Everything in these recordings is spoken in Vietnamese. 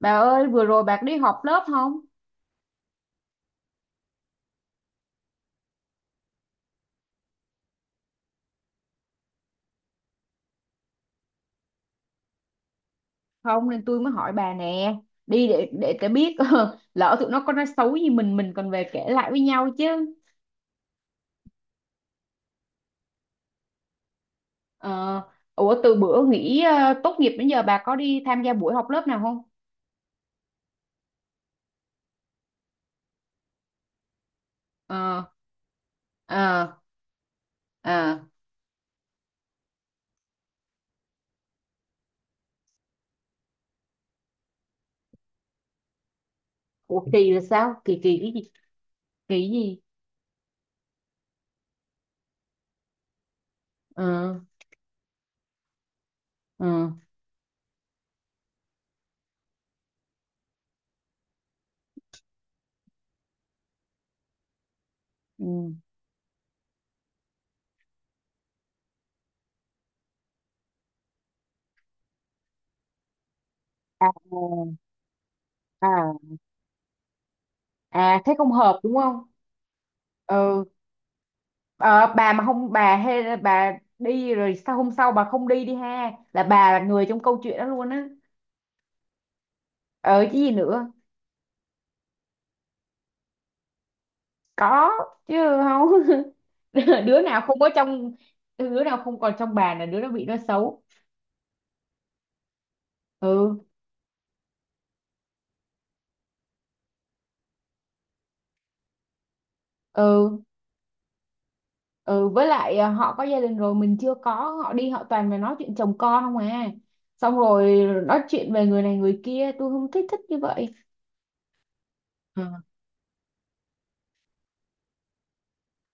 Bà ơi vừa rồi bà có đi họp lớp không? Không nên tôi mới hỏi bà nè. Đi để cái biết lỡ tụi nó có nói xấu gì mình còn về kể lại với nhau chứ. Ờ, ủa từ bữa nghỉ tốt nghiệp đến giờ bà có đi tham gia buổi họp lớp nào không? Ờ. Ờ. Ờ. Ủa kỳ là sao? Kỳ kỳ cái gì? Kỳ gì? Ờ. Ờ. Ừ. À. À. À thế không hợp đúng không? Ừ. Ờ, bà mà không bà hay bà đi rồi sao hôm sau bà không đi đi ha, là bà là người trong câu chuyện đó luôn á. Ờ chứ gì nữa. Có chứ. Không. Đứa nào không có trong, đứa nào không còn trong bà là đứa đó bị nó xấu. Ừ ừ. Ừ với lại à, họ có gia đình rồi mình chưa có, họ đi họ toàn là nói chuyện chồng con không à, xong rồi nói chuyện về người này người kia, tôi không thích thích như vậy. Ờ.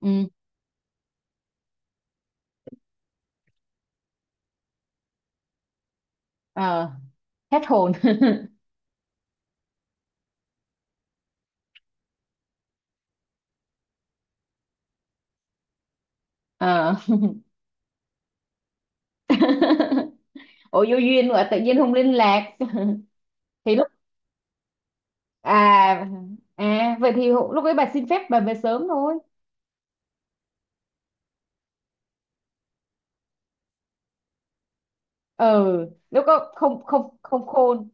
Ừ. Ờ hết hồn. Ờ. Ủa vô duyên mà tự nhiên không liên lạc. Thì lúc à à vậy thì hụ- lúc ấy bà xin phép bà về sớm thôi. Ừ lúc đó không không không khôn.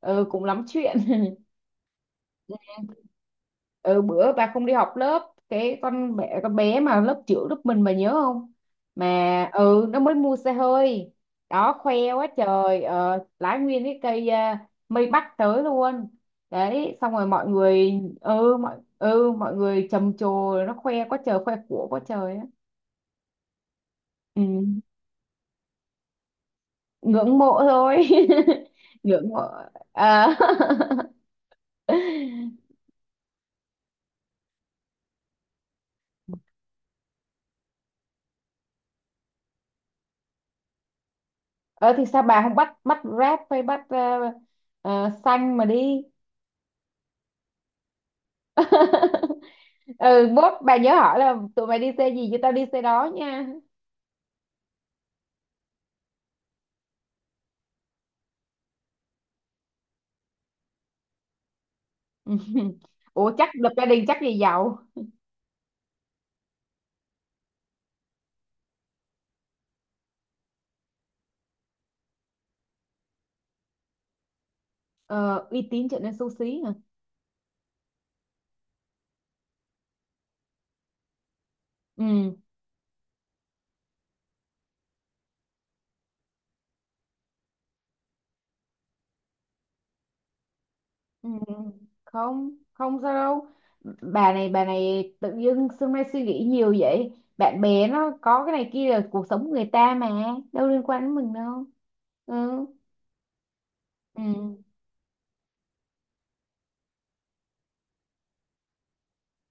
Ừ cũng lắm chuyện. Ừ bữa bà không đi học lớp cái, con bé mà lớp trưởng lớp mình bà nhớ không, mà ừ nó mới mua xe hơi. Đó khoe quá trời, lái nguyên cái cây à, mây bắc tới luôn. Đấy xong rồi mọi người, ừ mọi người trầm trồ. Nó khoe quá trời khoe của quá trời á. Ừ. Ngưỡng mộ thôi. Ngưỡng mộ. À. Ờ thì sao bà không bắt bắt Grab hay bắt xanh mà đi. Ừ bốt bà nhớ hỏi là tụi mày đi xe gì cho tao đi xe đó nha. Ủa chắc lập gia đình chắc gì giàu. Ờ, uy tín trở nên xấu xí hả. Ừ. Ừ không không sao đâu. Bà này bà này tự dưng xưa nay suy nghĩ nhiều vậy, bạn bè nó có cái này kia là cuộc sống của người ta mà, đâu liên quan đến mình đâu. Ừ. Ừ.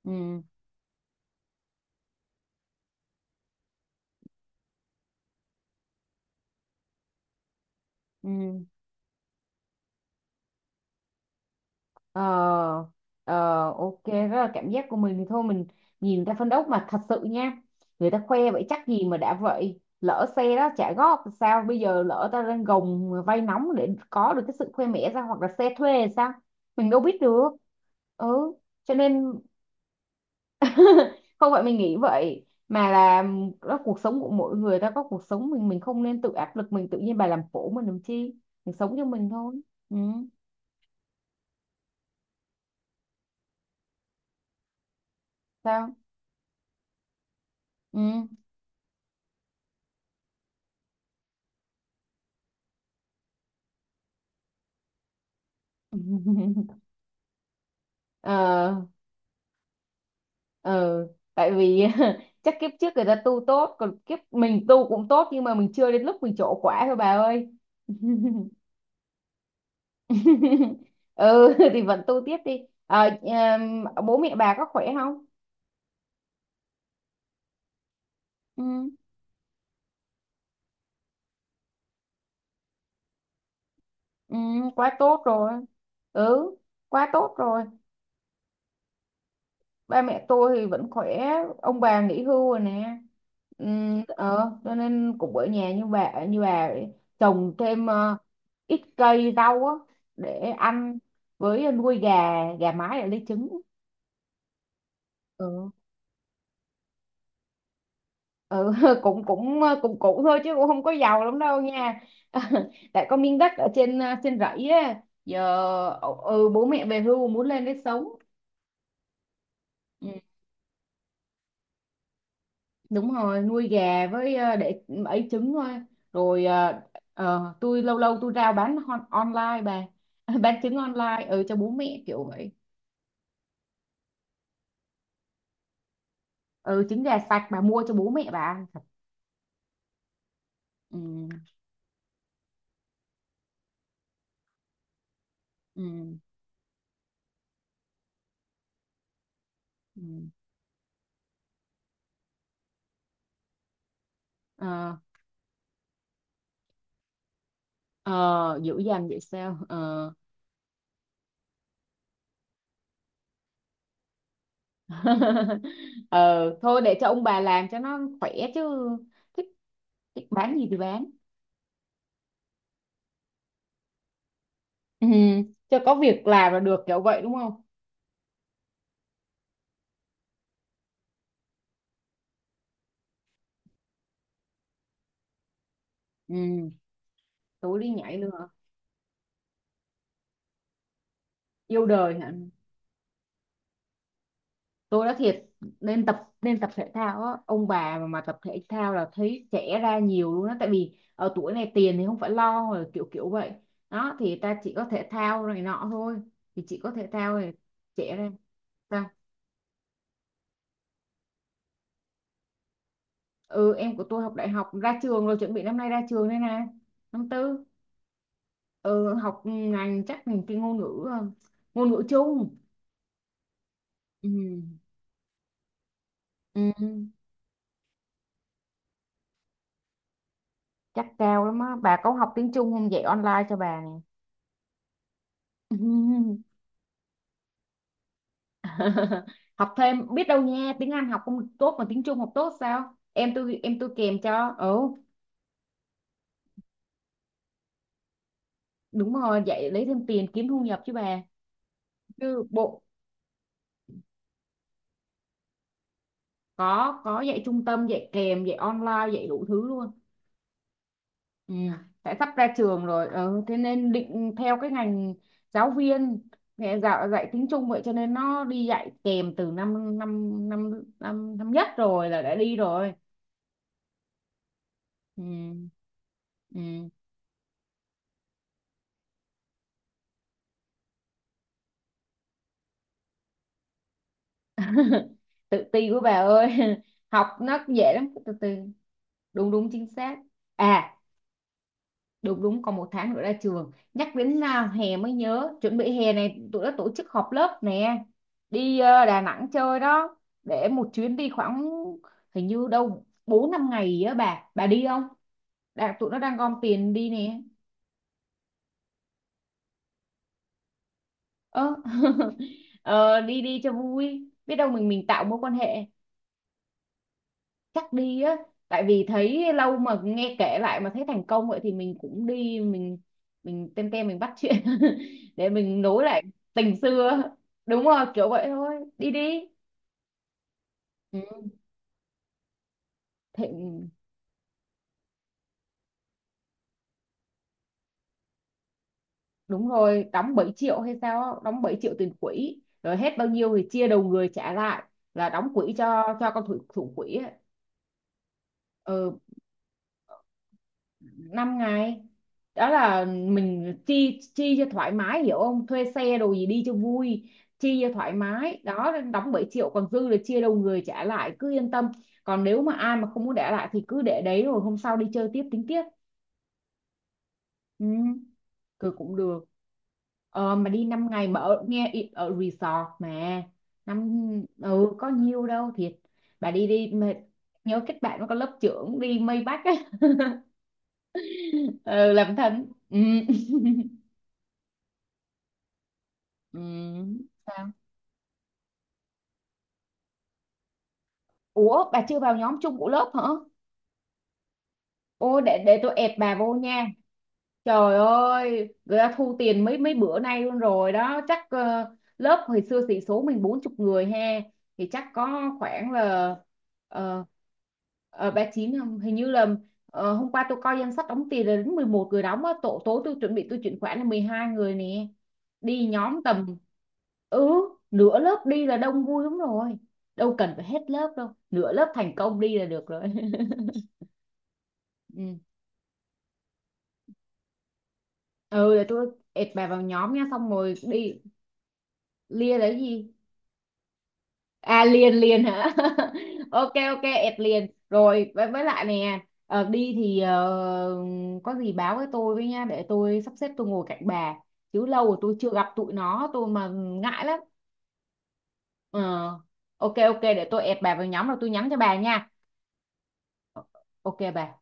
Ừ. Ừ. Ờ. Ờ, ok rất là cảm giác của mình thì thôi mình nhìn người ta phân đấu mà thật sự nha. Người ta khoe vậy chắc gì mà đã vậy, lỡ xe đó trả góp thì sao, bây giờ lỡ ta đang gồng vay nóng để có được cái sự khoe mẽ ra, hoặc là xe thuê thì sao, mình đâu biết được. Ừ cho nên không phải mình nghĩ vậy mà là đó, cuộc sống của mỗi người, ta có cuộc sống mình không nên tự áp lực mình, tự nhiên bà làm khổ mình làm chi, mình sống cho mình thôi. Ừ. Sao. Ừ. Ờ. Ờ, tại vì chắc kiếp trước người ta tu tốt, còn kiếp mình tu cũng tốt nhưng mà mình chưa đến lúc mình trổ quả thôi bà ơi. Ừ thì vẫn tu tiếp đi. Ờ, em, bố mẹ bà có khỏe không? Ừ. Ừ, quá tốt rồi. Ừ, quá tốt rồi. Ba mẹ tôi thì vẫn khỏe, ông bà nghỉ hưu rồi nè. Ờ cho nên cũng ở nhà như bà vậy. Trồng thêm ít cây rau á để ăn, với nuôi gà, gà mái để lấy trứng. Ừ. Ừ cũng cũng cũng cũng thôi chứ cũng không có giàu lắm đâu nha. Tại có miếng đất ở trên trên rẫy á giờ, ừ, bố mẹ về hưu muốn lên đấy sống. Đúng rồi nuôi gà với để ấy trứng thôi. Rồi ờ, ờ, tôi lâu lâu tôi rao bán hon- online bà. Bán trứng online ừ, cho bố mẹ kiểu vậy. Ừ, trứng gà sạch bà mua cho bố mẹ bà ăn thật. Ừ. Ừ. Ừ. Ờ. Ờ, dữ dằn vậy sao. Ờ. Ờ, thôi để cho ông bà làm cho nó khỏe chứ. Thích, thích bán gì thì bán. Ừ, cho có việc làm là được kiểu vậy đúng không. Ừ, tối đi nhảy nữa. Yêu đời hả. Tôi nói thiệt, nên tập thể thao á, ông bà mà tập thể thao là thấy trẻ ra nhiều luôn á, tại vì ở tuổi này tiền thì không phải lo rồi kiểu kiểu vậy, đó thì ta chỉ có thể thao này nọ thôi, thì chỉ có thể thao thì trẻ ra. Ta. Ừ em của tôi học đại học ra trường rồi, chuẩn bị năm nay ra trường đây nè, năm tư. Ừ, học ngành chắc ngành cái ngôn ngữ, ngôn ngữ chung. Ừ. Ừ. Chắc cao lắm á, bà có học tiếng Trung không dạy online cho bà nè. Học thêm biết đâu nha, tiếng Anh học không tốt mà tiếng Trung học tốt sao, em tôi kèm cho. Ừ đúng rồi dạy lấy thêm tiền kiếm thu nhập chứ bà, chứ bộ. Có dạy trung tâm, dạy kèm, dạy online, dạy đủ thứ luôn. Ừ. Tại sắp ra trường rồi ừ. Thế nên định theo cái ngành giáo viên, mẹ dạy tiếng Trung, vậy cho nên nó đi dạy kèm từ năm năm năm năm năm nhất rồi là đã đi rồi. Ừ. Ừ. Tự ti của bà ơi. Học nó dễ lắm từ từ. Đúng đúng chính xác. À đúng đúng còn một tháng nữa ra trường. Nhắc đến à, hè mới nhớ, chuẩn bị hè này tụi nó tổ chức họp lớp nè, đi Đà Nẵng chơi đó, để một chuyến đi khoảng hình như đâu 4-5 ngày á bà đi không. Đã, tụi nó đang gom tiền đi nè. Ơ. Ờ, đi đi cho vui biết đâu mình tạo mối quan hệ. Chắc đi á, tại vì thấy lâu mà nghe kể lại mà thấy thành công vậy thì mình cũng đi, mình tem tem mình bắt chuyện để mình nối lại tình xưa. Đúng rồi kiểu vậy thôi đi đi. Ừ. Thế, ừ, đúng rồi đóng 7 triệu hay sao á, đóng 7 triệu tiền quỹ rồi hết bao nhiêu thì chia đầu người trả lại, là đóng quỹ cho con thủ thủ quỹ á. 5 ngày. Đó là mình chi chi cho thoải mái hiểu không, thuê xe đồ gì đi cho vui, chi cho thoải mái đó đóng 7 triệu còn dư là chia đầu người trả lại cứ yên tâm. Còn nếu mà ai mà không muốn để lại thì cứ để đấy rồi hôm sau đi chơi tiếp tính tiếp. Ừ, cứ cũng được. Ờ, mà đi 5 ngày mà ở, nghe ý- ở resort mà, năm, ừ có nhiêu đâu thiệt, bà đi đi mà nhớ kết bạn với con lớp trưởng đi Maybach á. Ừ, làm thân ừ. Ừ. Sao? Ủa bà chưa vào nhóm chung của lớp hả? Ô để tôi ẹp bà vô nha. Trời ơi, người ta thu tiền mấy mấy bữa nay luôn rồi đó, chắc ờ, lớp hồi xưa sĩ số mình 40 người ha, thì chắc có khoảng là ờ, ờ, 39. Không? Hình như là ờ, hôm qua tôi coi danh sách đóng tiền là đến 11 người đóng á, tổ tối tôi chuẩn bị tôi chuyển khoản là 12 người nè. Đi nhóm tầm, ừ, nửa lớp đi là đông vui lắm rồi. Đâu cần phải hết lớp đâu, nửa lớp thành công đi là được rồi. Ừ, ừ để tôi ệt bà vào nhóm nha xong rồi đi. Lia là cái gì. À liền liền hả. Ok ok ẹt liền rồi, với lại nè, ờ, đi thì ờ, có gì báo với tôi với nha để tôi sắp xếp tôi ngồi cạnh bà, chứ lâu rồi tôi chưa gặp tụi nó tôi mà ngại lắm. Ờ ok ok để tôi ẹt bà vào nhóm rồi tôi nhắn cho bà nha. Ok bà.